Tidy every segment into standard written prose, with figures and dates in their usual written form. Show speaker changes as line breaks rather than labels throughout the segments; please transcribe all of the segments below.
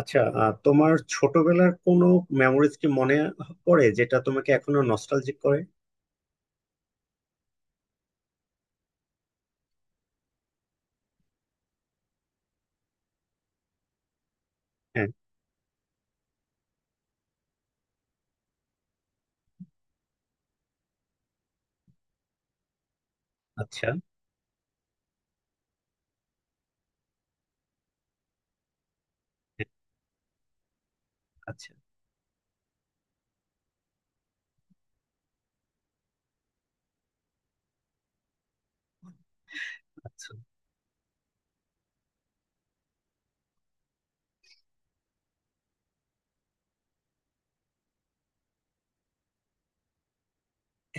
আচ্ছা, তোমার ছোটবেলার কোনো মেমোরিজ কি মনে পড়ে যেটা তোমাকে এখনো নস্টালজিক করে? হ্যাঁ। আচ্ছা। হ্যাঁ, আচ্ছা। আচ্ছা।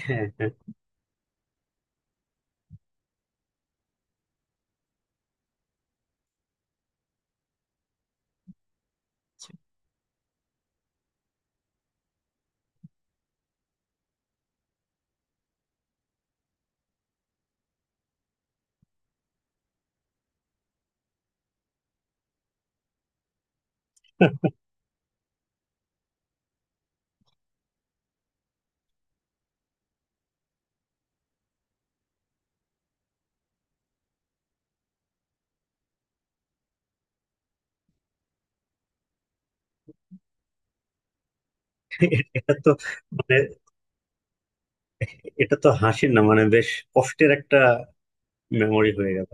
হ্যাঁ, হ্যাঁ। এটা তো মানে এটা তো হাসির না, মানে বেশ কষ্টের একটা মেমোরি হয়ে গেল।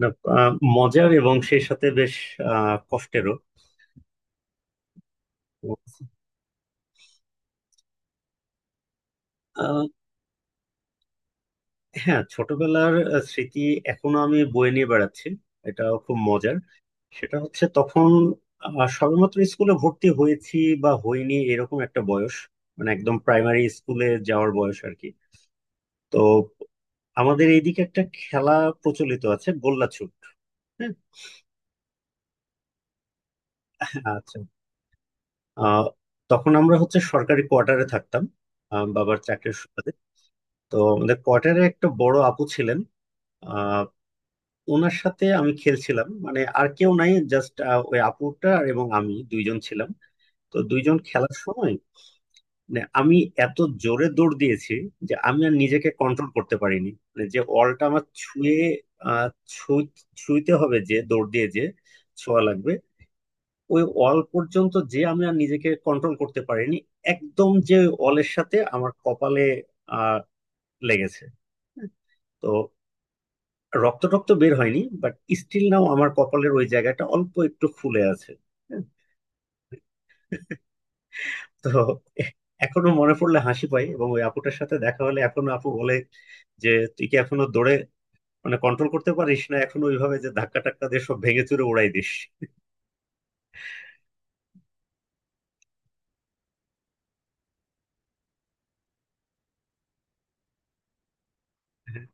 না, মজার এবং সেই সাথে বেশ কষ্টেরও। আহ, হ্যাঁ, ছোটবেলার স্মৃতি এখনো আমি বয়ে নিয়ে বেড়াচ্ছি। এটাও খুব মজার। সেটা হচ্ছে তখন সবেমাত্র স্কুলে ভর্তি হয়েছি বা হইনি এরকম একটা বয়স, মানে একদম প্রাইমারি স্কুলে যাওয়ার বয়স আর কি। তো আমাদের এইদিকে একটা খেলা প্রচলিত আছে, গোল্লা ছুট। হ্যাঁ। আচ্ছা। আহ, তখন আমরা হচ্ছে সরকারি কোয়ার্টারে থাকতাম, বাবার চাকরির সুবাদে। তো আমাদের কোয়ার্টারে একটা বড় আপু ছিলেন। আহ, ওনার সাথে আমি খেলছিলাম, মানে আর কেউ নাই, জাস্ট ওই আপুটা আর এবং আমি দুইজন ছিলাম। তো দুইজন খেলার সময় মানে আমি এত জোরে দৌড় দিয়েছি যে আমি আর নিজেকে কন্ট্রোল করতে পারিনি, মানে যে অলটা আমার ছুঁয়ে আহ, ছুঁইতে হবে, যে দৌড় দিয়ে যে ছোঁয়া লাগবে ওই অল পর্যন্ত, যে আমি আর নিজেকে কন্ট্রোল করতে পারিনি, একদম যে অলের সাথে আমার কপালে আহ লেগেছে। তো রক্ত টক্ত বের হয়নি, বাট স্টিল নাও আমার কপালের ওই জায়গাটা অল্প একটু ফুলে আছে। তো এ- এখনো মনে পড়লে হাসি পাই, এবং ওই আপুটার সাথে দেখা হলে এখনো আপু বলে যে তুই কি এখনো দৌড়ে মানে কন্ট্রোল করতে পারিস না, এখনো ওইভাবে যে ধাক্কা টাক্কা দিয়ে সব ভেঙে চুরে উড়াই দিস। হ্যাঁ,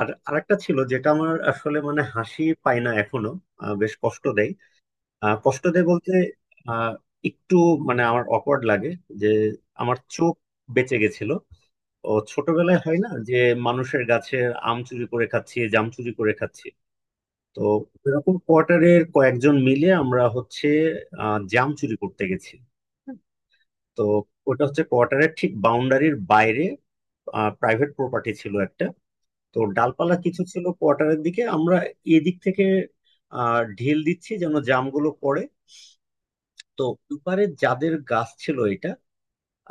আর আরেকটা ছিল যেটা আমার আসলে মানে হাসি পায় না এখনো। বেশ কষ্ট দেয়। কষ্ট দেয় বলতে আহ, একটু মানে আমার অকওয়ার্ড লাগে, যে আমার চোখ বেঁচে গেছিল। ও ছোটবেলায় হয় না যে মানুষের গাছের আম চুরি করে খাচ্ছি, জাম চুরি করে খাচ্ছি। তো এরকম কোয়ার্টারের কয়েকজন মিলে আমরা হচ্ছে জাম চুরি করতে গেছি। তো ওটা হচ্ছে কোয়ার্টারের ঠিক বাউন্ডারির বাইরে প্রাইভেট প্রপার্টি ছিল একটা। তো ডালপালা কিছু ছিল কোয়ার্টারের দিকে, আমরা এদিক থেকে ঢিল দিচ্ছি যেন জামগুলো পড়ে। তো ওপারে যাদের গাছ ছিল এটা,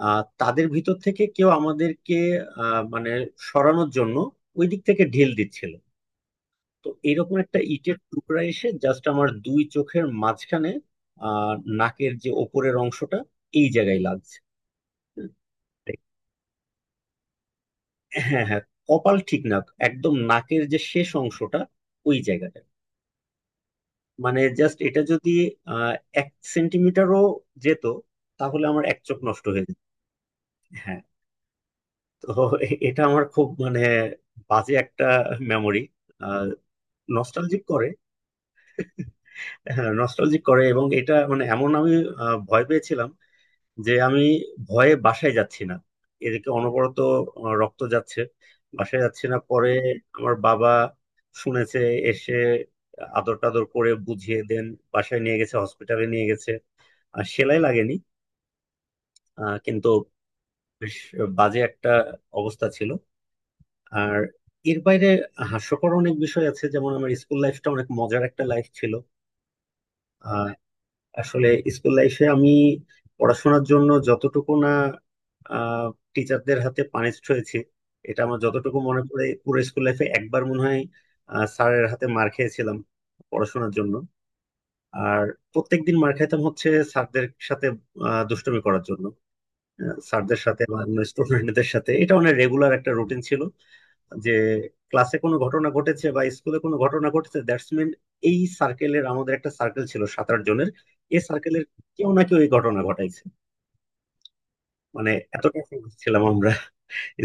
তাদের ভিতর থেকে কেউ আমাদেরকে মানে সরানোর জন্য ওই দিক থেকে ঢিল দিচ্ছিল। তো এরকম একটা ইটের টুকরা এসে জাস্ট আমার দুই চোখের মাঝখানে আহ নাকের যে ওপরের অংশটা, এই জায়গায় লাগছে। হ্যাঁ, হ্যাঁ। কপাল ঠিক না, একদম নাকের যে শেষ অংশটা, ওই জায়গাটা। মানে জাস্ট এটা যদি আহ এক সেন্টিমিটারও যেত, তাহলে আমার এক চোখ নষ্ট হয়ে যেত। হ্যাঁ। তো এটা আমার খুব মানে বাজে একটা মেমোরি। নস্টালজিক করে। হ্যাঁ, নস্টালজিক করে, এবং এটা মানে এমন আমি ভয় পেয়েছিলাম, যে আমি ভয়ে বাসায় যাচ্ছি না, এদিকে অনবরত রক্ত যাচ্ছে, বাসায় যাচ্ছি না। পরে আমার বাবা শুনেছে, এসে আদর টাদর করে বুঝিয়ে দেন, বাসায় নিয়ে গেছে, হসপিটালে নিয়ে গেছে, আর সেলাই লাগেনি। কিন্তু বেশ বাজে একটা অবস্থা ছিল। আর এর বাইরে হাস্যকর অনেক বিষয় আছে, যেমন আমার স্কুল লাইফটা অনেক মজার একটা লাইফ ছিল আসলে। স্কুল লাইফে আমি পড়াশোনার জন্য যতটুকু না আহ, টিচারদের হাতে পানিশড হয়েছি, এটা আমার যতটুকু মনে পড়ে পুরো স্কুল লাইফে একবার মনে হয় স্যারের হাতে মার খেয়েছিলাম পড়াশোনার জন্য। আর প্রত্যেকদিন মার খাইতাম হচ্ছে স্যারদের সাথে দুষ্টুমি করার জন্য, স্যারদের সাথে বা অন্য স্টুডেন্টদের সাথে। এটা অনেক রেগুলার একটা রুটিন ছিল, যে ক্লাসে কোনো ঘটনা ঘটেছে বা স্কুলে কোনো ঘটনা ঘটেছে, দ্যাটস মিন এই সার্কেলের, আমাদের একটা সার্কেল ছিল সাত আট জনের, এই সার্কেলের কেউ না কেউ এই ঘটনা ঘটাইছে। মানে এতটা famous ছিলাম আমরা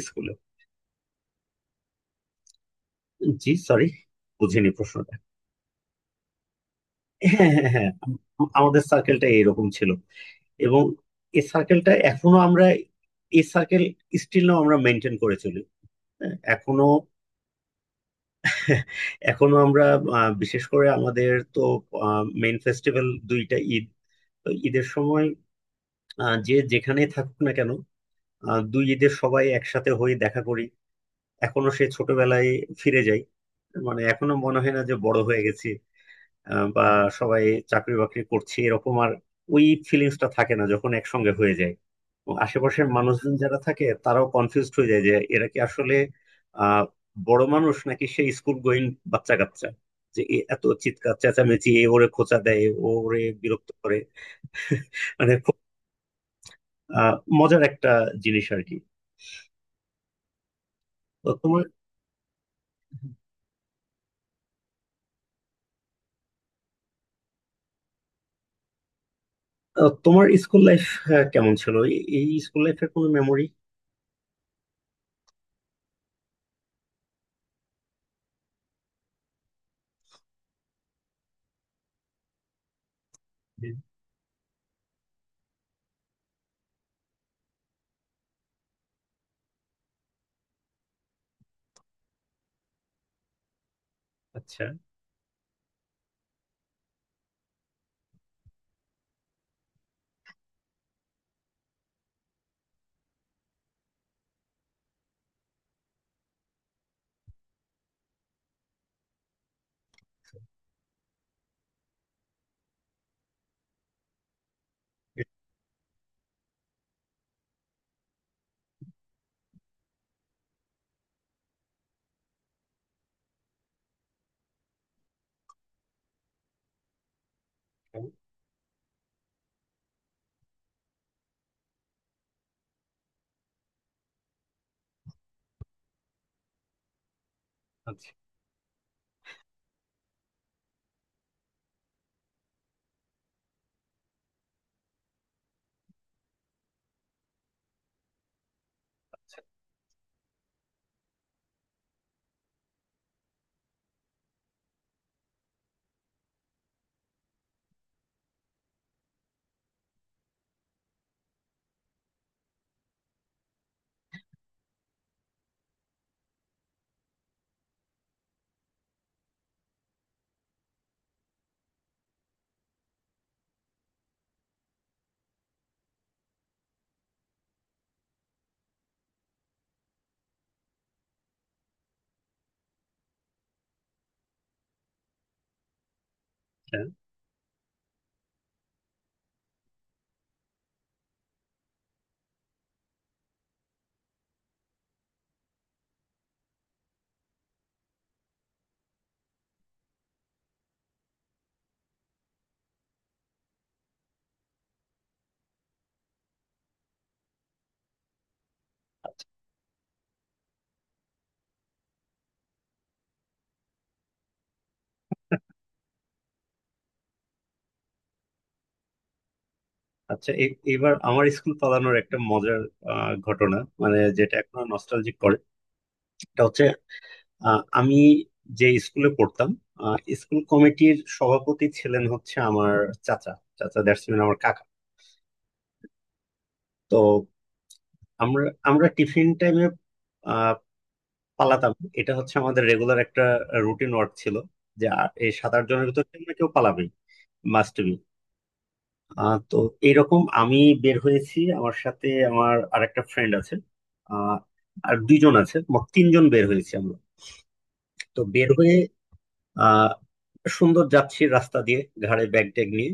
স্কুলে। জি, সরি, বুঝিনি প্রশ্নটা। হ্যাঁ, হ্যাঁ, হ্যাঁ, আমাদের সার্কেলটা এরকম ছিল, এবং এই সার্কেলটা এখনো আমরা, এই সার্কেল স্টিল আমরা মেনটেন করে চলি। হ্যাঁ, এখনো। এখনো আমরা বিশেষ করে আমাদের তো মেইন ফেস্টিভ্যাল দুইটা ঈদ। তো ঈদের সময় যে যেখানে থাকুক না কেন, দুই ঈদের সবাই একসাথে হয়ে দেখা করি, এখনো সে ছোটবেলায় ফিরে যাই। মানে এখনো মনে হয় না যে বড় হয়ে গেছি বা সবাই চাকরি বাকরি করছি এরকম। আর ওই ফিলিংসটা থাকে না যখন একসঙ্গে হয়ে যায়। এবং আশেপাশের মানুষজন যারা থাকে তারাও কনফিউজড হয়ে যায়, যে এরা কি আসলে আহ বড় মানুষ নাকি সে স্কুল গোয়িং বাচ্চা কাচ্চা, যে এ এত চিৎকার চেঁচামেচি, এ ওরে খোঁচা দেয়, ও ওরে বিরক্ত করে। মানে আহ মজার একটা জিনিস আর কি। তো তোমার তোমার স্কুল লাইফ কেমন ছিল? এই এই স্কুল লাইফের কোনো মেমোরি? আচ্ছা। এরকম। আচ্ছা। আচ্ছা। আচ্ছা। এবার আমার স্কুল পালানোর একটা মজার ঘটনা, মানে যেটা এখনো নস্টালজিক করে। এটা হচ্ছে আমি যে স্কুলে পড়তাম, আহ, স্কুল কমিটির সভাপতি ছিলেন হচ্ছে আমার চাচা। চাচা দ্যাটস মিন আমার কাকা। তো আমরা আমরা টিফিন টাইমে পালাতাম। এটা হচ্ছে আমাদের রেগুলার একটা রুটিন ওয়ার্ক ছিল, যে এই সাত আট জনের ভিতর থেকে না কেউ পালাবেই, মাস্ট বি। তো এইরকম আমি বের হয়েছি, আমার সাথে আমার আরেকটা ফ্রেন্ড আছে, আহ, আর দুইজন আছে, মোট তিনজন বের হয়েছি আমরা। তো বের হয়ে আহ, সুন্দর যাচ্ছি রাস্তা দিয়ে, ঘাড়ে ব্যাগ ট্যাগ নিয়ে।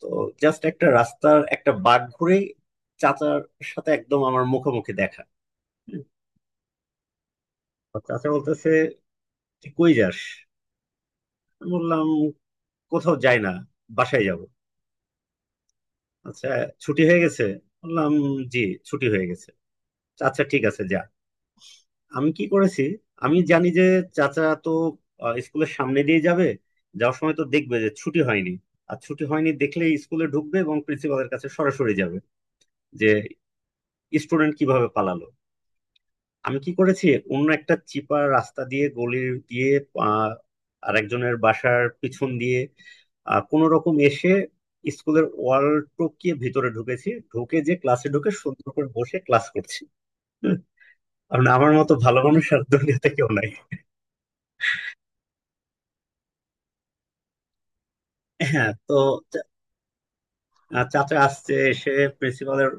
তো জাস্ট একটা রাস্তার একটা বাঁক ঘুরে চাচার সাথে একদম আমার মুখোমুখি দেখা। হুম। তো চাচা বলতেছে, তুই কই যাস? আমি বললাম, কোথাও যাই না, বাসায় যাব। আচ্ছা, ছুটি হয়ে গেছে? বললাম, জি, ছুটি হয়ে গেছে। আচ্ছা, ঠিক আছে, যা। আমি কি করেছি, আমি জানি যে চাচা তো স্কুলের সামনে দিয়ে যাবে, যাওয়ার সময় তো দেখবে যে ছুটি হয়নি, আর ছুটি হয়নি দেখলে স্কুলে ঢুকবে এবং প্রিন্সিপালের কাছে সরাসরি যাবে, যে স্টুডেন্ট কিভাবে পালালো। আমি কি করেছি, অন্য একটা চিপার রাস্তা দিয়ে, গলি দিয়ে, আহ, আরেকজনের বাসার পিছন দিয়ে কোন রকম এসে স্কুলের ওয়াল টপকিয়ে ভিতরে ঢুকেছি, ঢুকে যে ক্লাসে ঢুকে সুন্দর করে বসে ক্লাস করছি। হুম। কারণ আমার মতো ভালো মানুষ আর দুনিয়াতে কেউ নাই। হ্যাঁ। তো চা- চাচা আসছে, এসে প্রিন্সিপালের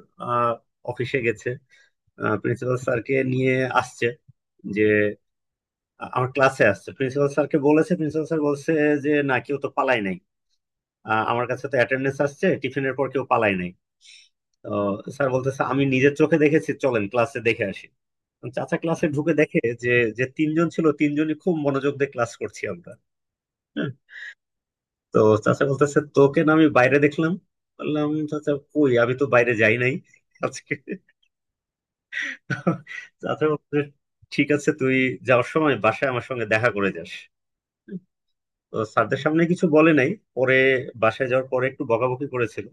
অফিসে গেছে, প্রিন্সিপাল স্যারকে নিয়ে আসছে, যে আমার ক্লাসে আসছে, প্রিন্সিপাল স্যারকে বলেছে। প্রিন্সিপাল স্যার বলছে যে না, কেউ তো পালাই নাই, আমার কাছে তো অ্যাটেন্ডেন্স আসছে, টিফিনের পর কেউ পালাই নাই। তো স্যার বলতেছে, আমি নিজের চোখে দেখেছি, চলেন ক্লাসে দেখে আসি। তো চাচা ক্লাসে ঢুকে দেখে যে যে তিনজন ছিল, তিনজনই খুব মনোযোগ দিয়ে ক্লাস করছি আমরা। হ্যাঁ। তো চাচা বলতেছে, তোকে না আমি বাইরে দেখলাম? বললাম, চাচা কই, আমি তো বাইরে যাই নাই আজকে। চাচা বলতেছে, ঠিক আছে, তুই যাওয়ার সময় বাসায় আমার সঙ্গে দেখা করে যাস। তো স্যারদের সামনে কিছু বলে নাই, পরে বাসায় যাওয়ার পরে একটু বকাবকি করেছিল।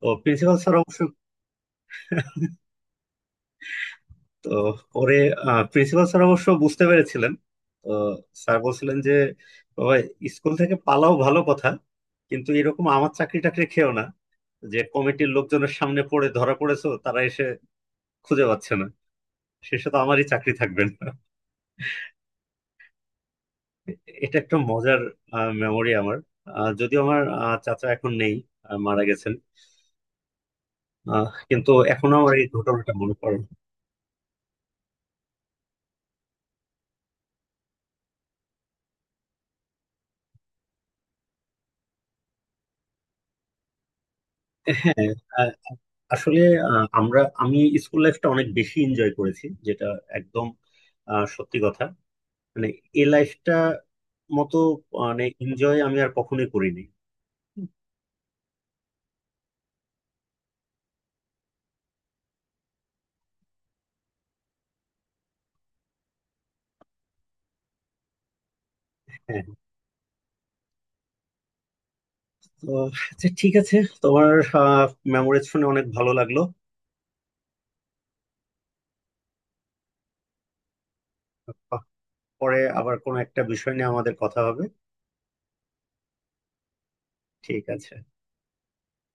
তো প্রিন্সিপাল স্যার অবশ্য তো পরে প্রিন্সিপাল স্যার অবশ্য বুঝতে পেরেছিলেন। তো স্যার বলছিলেন যে বাবা, স্কুল থেকে পালাও ভালো কথা, কিন্তু এরকম আমার চাকরি টাকরি খেও না, যে কমিটির লোকজনের সামনে পড়ে ধরা পড়েছো, তারা এসে খুঁজে পাচ্ছে না, শেষে তো আমারই চাকরি থাকবে না। এটা একটা মজার মেমোরি আমার। যদিও আমার চাচা এখন নেই, মারা গেছেন। কিন্তু এখনো আমার এই ঘটনাটা মনে পড়ে। হ্যাঁ। আ- আসলে আ, আমি স্কুল লাইফটা অনেক বেশি এনজয় করেছি, যেটা একদম সত্যি কথা। মানে এই লাইফটা মতো মানে এনজয় আমি আর কখনোই করিনি। হ্যাঁ। তো আচ্ছা, ঠিক আছে, তোমার মেমোরিজ শুনে অনেক ভালো লাগলো। পরে আবার কোনো একটা বিষয় নিয়ে আমাদের কথা হবে। ঠিক আছে।